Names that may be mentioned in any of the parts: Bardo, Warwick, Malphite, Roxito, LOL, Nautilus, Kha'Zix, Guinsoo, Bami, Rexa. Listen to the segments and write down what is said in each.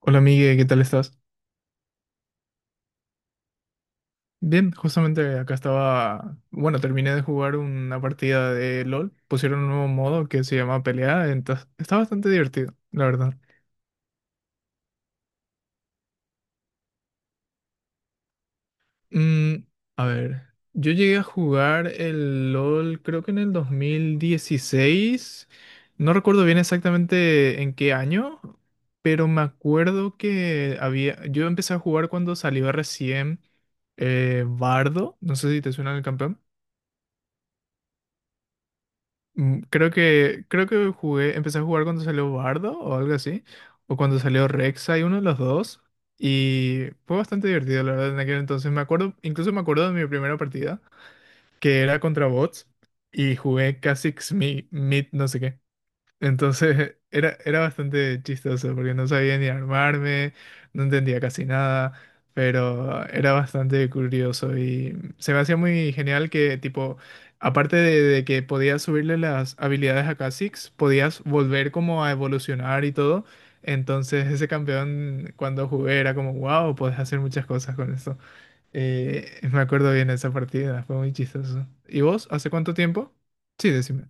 Hola Migue, ¿qué tal estás? Bien, justamente acá estaba, bueno, terminé de jugar una partida de LOL, pusieron un nuevo modo que se llama pelea, entonces está bastante divertido, la verdad. Mm, a ver, yo llegué a jugar el LOL creo que en el 2016, no recuerdo bien exactamente en qué año, pero me acuerdo que yo empecé a jugar cuando salió recién Bardo, no sé si te suena el campeón. Creo que empecé a jugar cuando salió Bardo o algo así, o cuando salió Rexa y uno de los dos, y fue bastante divertido, la verdad, en aquel entonces. Incluso me acuerdo de mi primera partida, que era contra bots, y jugué casi Mid, no sé qué. Entonces era bastante chistoso porque no sabía ni armarme, no entendía casi nada, pero era bastante curioso y se me hacía muy genial que tipo, aparte de que podías subirle las habilidades a Kha'Zix, podías volver como a evolucionar y todo. Entonces ese campeón cuando jugué era como, wow, podés hacer muchas cosas con esto. Me acuerdo bien esa partida, fue muy chistoso. ¿Y vos? ¿Hace cuánto tiempo? Sí, decime.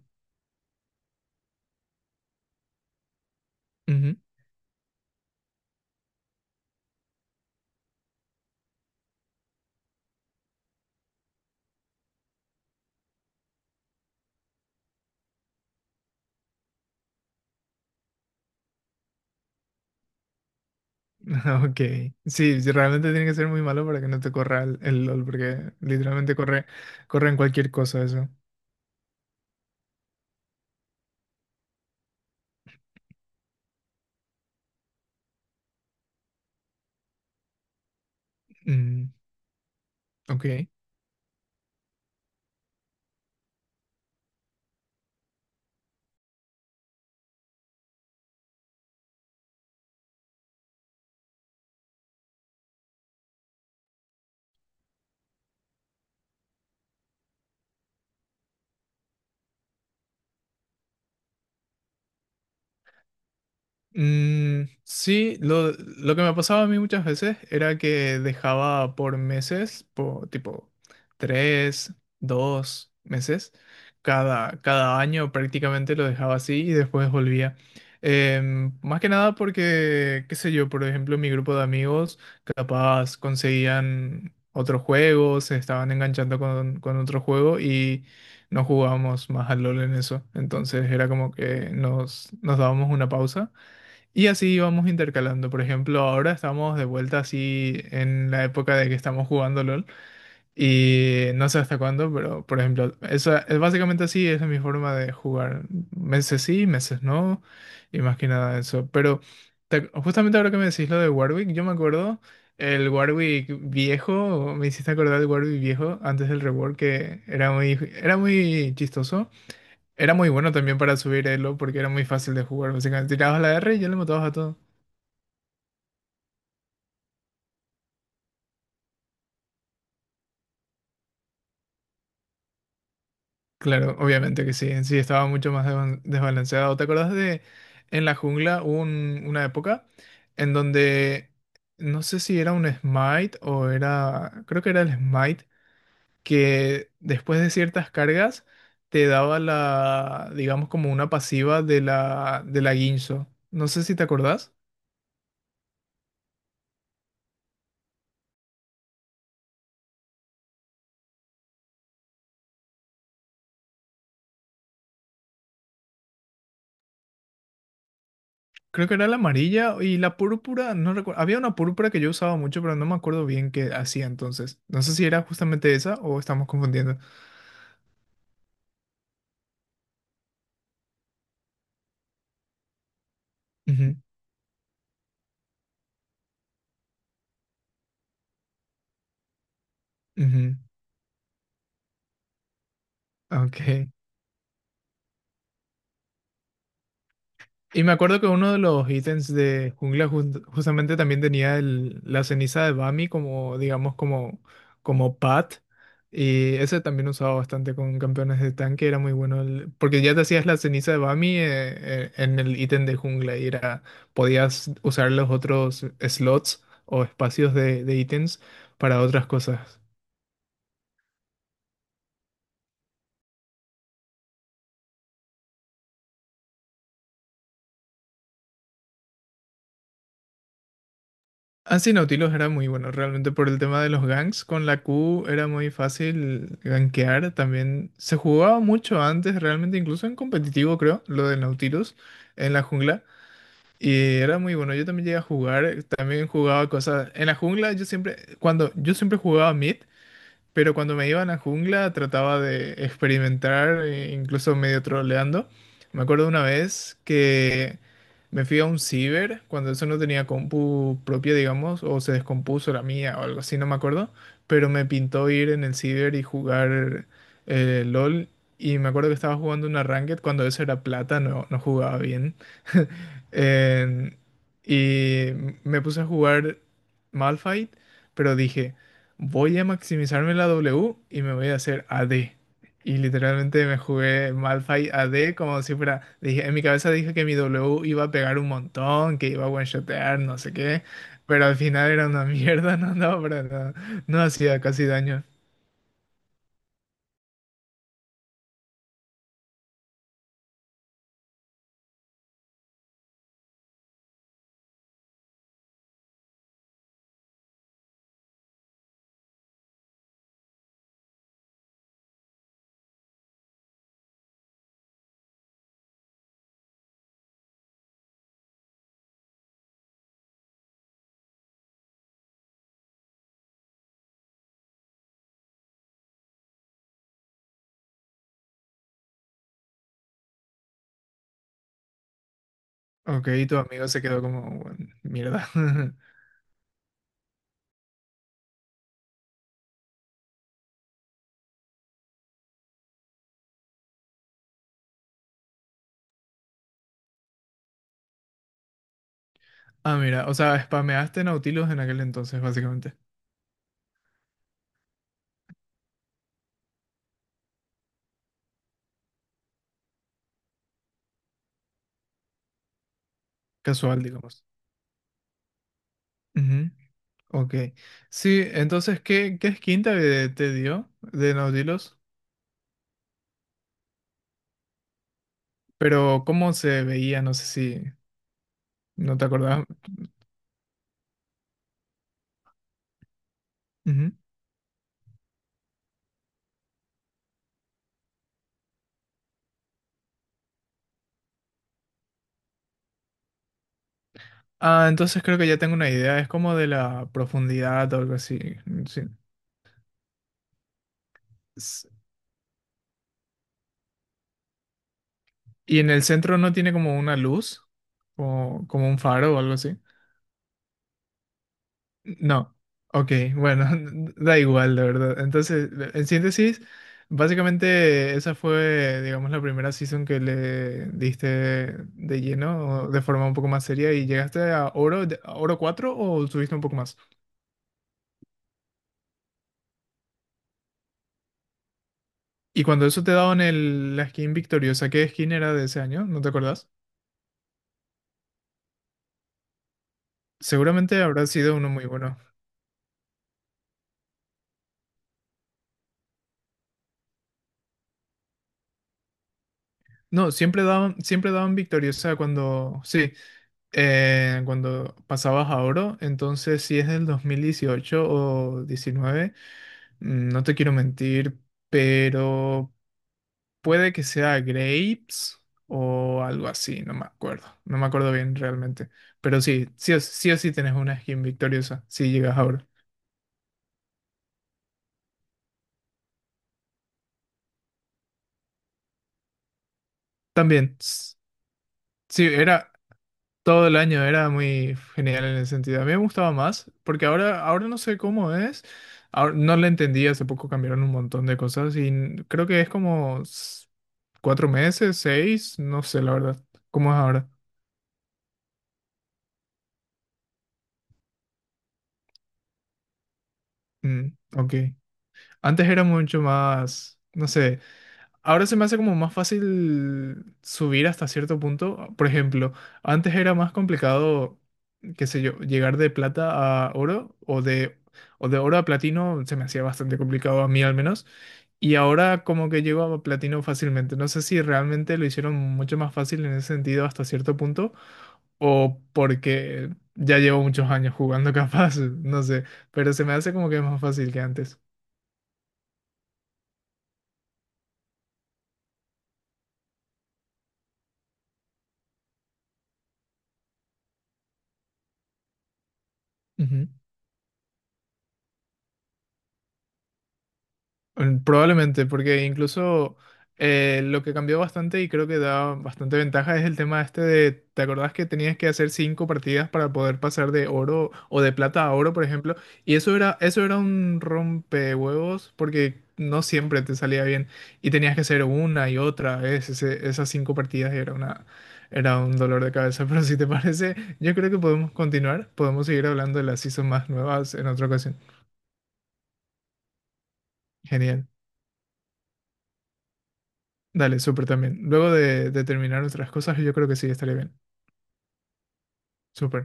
Ok, sí, sí, realmente tiene que ser muy malo para que no te corra el LOL, porque literalmente corre, corre en cualquier cosa eso. Mm, ok. Sí, lo que me pasaba a mí muchas veces era que dejaba por meses, por, tipo tres, dos meses, cada año prácticamente lo dejaba así y después volvía. Más que nada porque, qué sé yo, por ejemplo, mi grupo de amigos capaz conseguían otro juego, se estaban enganchando con otro juego y no jugábamos más al LOL en eso. Entonces era como que nos dábamos una pausa y así vamos intercalando. Por ejemplo, ahora estamos de vuelta así en la época de que estamos jugando LOL. Y no sé hasta cuándo, pero por ejemplo, esa es básicamente así, esa es mi forma de jugar. Meses sí, meses no. Y más que nada eso. Pero justamente ahora que me decís lo de Warwick, yo me acuerdo el Warwick viejo, me hiciste acordar del Warwick viejo antes del rework que era muy, chistoso. Era muy bueno también para subir elo porque era muy fácil de jugar. Básicamente tirabas la R y ya le matabas a todo. Claro, obviamente que sí. En sí estaba mucho más desbalanceado. ¿Te acordás de en la jungla hubo una época en donde no sé si era un smite o creo que era el smite, que después de ciertas cargas te daba la, digamos como una pasiva de la Guinsoo? No sé si te acordás. Creo que era la amarilla y la púrpura, no recuerdo. Había una púrpura que yo usaba mucho, pero no me acuerdo bien qué hacía entonces. No sé si era justamente esa o estamos confundiendo. Ujú, ok. Y me acuerdo que uno de los ítems de jungla justamente también tenía la ceniza de Bami como, digamos, como pad. Y ese también usaba bastante con campeones de tanque, era muy bueno. Porque ya te hacías la ceniza de Bami en el ítem de jungla y podías usar los otros slots o espacios de ítems para otras cosas. Así Nautilus era muy bueno, realmente por el tema de los ganks. Con la Q era muy fácil gankear. También se jugaba mucho antes, realmente, incluso en competitivo, creo, lo de Nautilus en la jungla. Y era muy bueno. Yo también llegué a jugar, también jugaba cosas. En la jungla, cuando yo siempre jugaba mid. Pero cuando me iba a la jungla trataba de experimentar, e incluso medio troleando. Me acuerdo una vez que me fui a un ciber, cuando eso no tenía compu propia, digamos, o se descompuso la mía o algo así, no me acuerdo. Pero me pintó ir en el ciber y jugar LOL. Y me acuerdo que estaba jugando una ranked cuando eso era plata, no, no jugaba bien. En- y me puse a jugar Malphite, pero dije, voy a maximizarme la W y me voy a hacer AD. Y literalmente me jugué Malphite AD como si fuera, dije, en mi cabeza dije que mi W iba a pegar un montón, que iba a one-shotear, no sé qué, pero al final era una mierda, no andaba para nada, no hacía casi daño. Ok, y tu amigo se quedó como, "Bueno, mierda. Ah, mira, o sea, spameaste Nautilus en aquel entonces, básicamente. Casual, digamos. Ujú, ok. Sí, entonces, ¿qué skin te dio de Nautilus? Pero cómo se veía, no sé si no te acordabas. Ujú. Ah, entonces creo que ya tengo una idea. Es como de la profundidad o algo así. Sí. S- Y en el centro no tiene como una luz, como un faro o algo así. No. Ok, bueno, da igual, de verdad. Entonces, en síntesis, básicamente esa fue, digamos, la primera season que le diste de lleno, o de forma un poco más seria, y llegaste a oro, a oro 4 o subiste un poco más. Y cuando eso te daban el, la skin victoriosa, ¿qué skin era de ese año? ¿No te acordás? Seguramente habrá sido uno muy bueno. No, siempre daban victoriosa sí, cuando pasabas a oro. Entonces, si es del 2018 o diecinueve, no te quiero mentir, pero puede que sea Grapes o algo así, no me acuerdo. No me acuerdo bien realmente. Pero sí, sí o sí, o sí tenés una skin victoriosa si llegas a oro. También. Sí, Todo el año era muy genial en ese sentido. A mí me gustaba más, porque ahora no sé cómo es. Ahora, no le entendí, hace poco cambiaron un montón de cosas y creo que es como 4 meses, seis, no sé la verdad. ¿Cómo es ahora? Mm, ok. Antes era mucho más, no sé. Ahora se me hace como más fácil subir hasta cierto punto. Por ejemplo, antes era más complicado, qué sé yo, llegar de plata a oro o de oro a platino, se me hacía bastante complicado a mí al menos. Y ahora como que llego a platino fácilmente. No sé si realmente lo hicieron mucho más fácil en ese sentido hasta cierto punto o porque ya llevo muchos años jugando capaz, no sé, pero se me hace como que es más fácil que antes. Ujú. Probablemente, porque incluso lo que cambió bastante y creo que da bastante ventaja es el tema este de, ¿te acordás que tenías que hacer cinco partidas para poder pasar de oro o de plata a oro, por ejemplo? Y eso era un rompehuevos porque no siempre te salía bien y tenías que hacer una y otra vez esas cinco partidas y era una, era un dolor de cabeza. Pero si te parece, yo creo que podemos seguir hablando de las seasons más nuevas en otra ocasión. Genial. Dale, súper también. Luego de terminar otras cosas, yo creo que sí, estaría bien. Súper.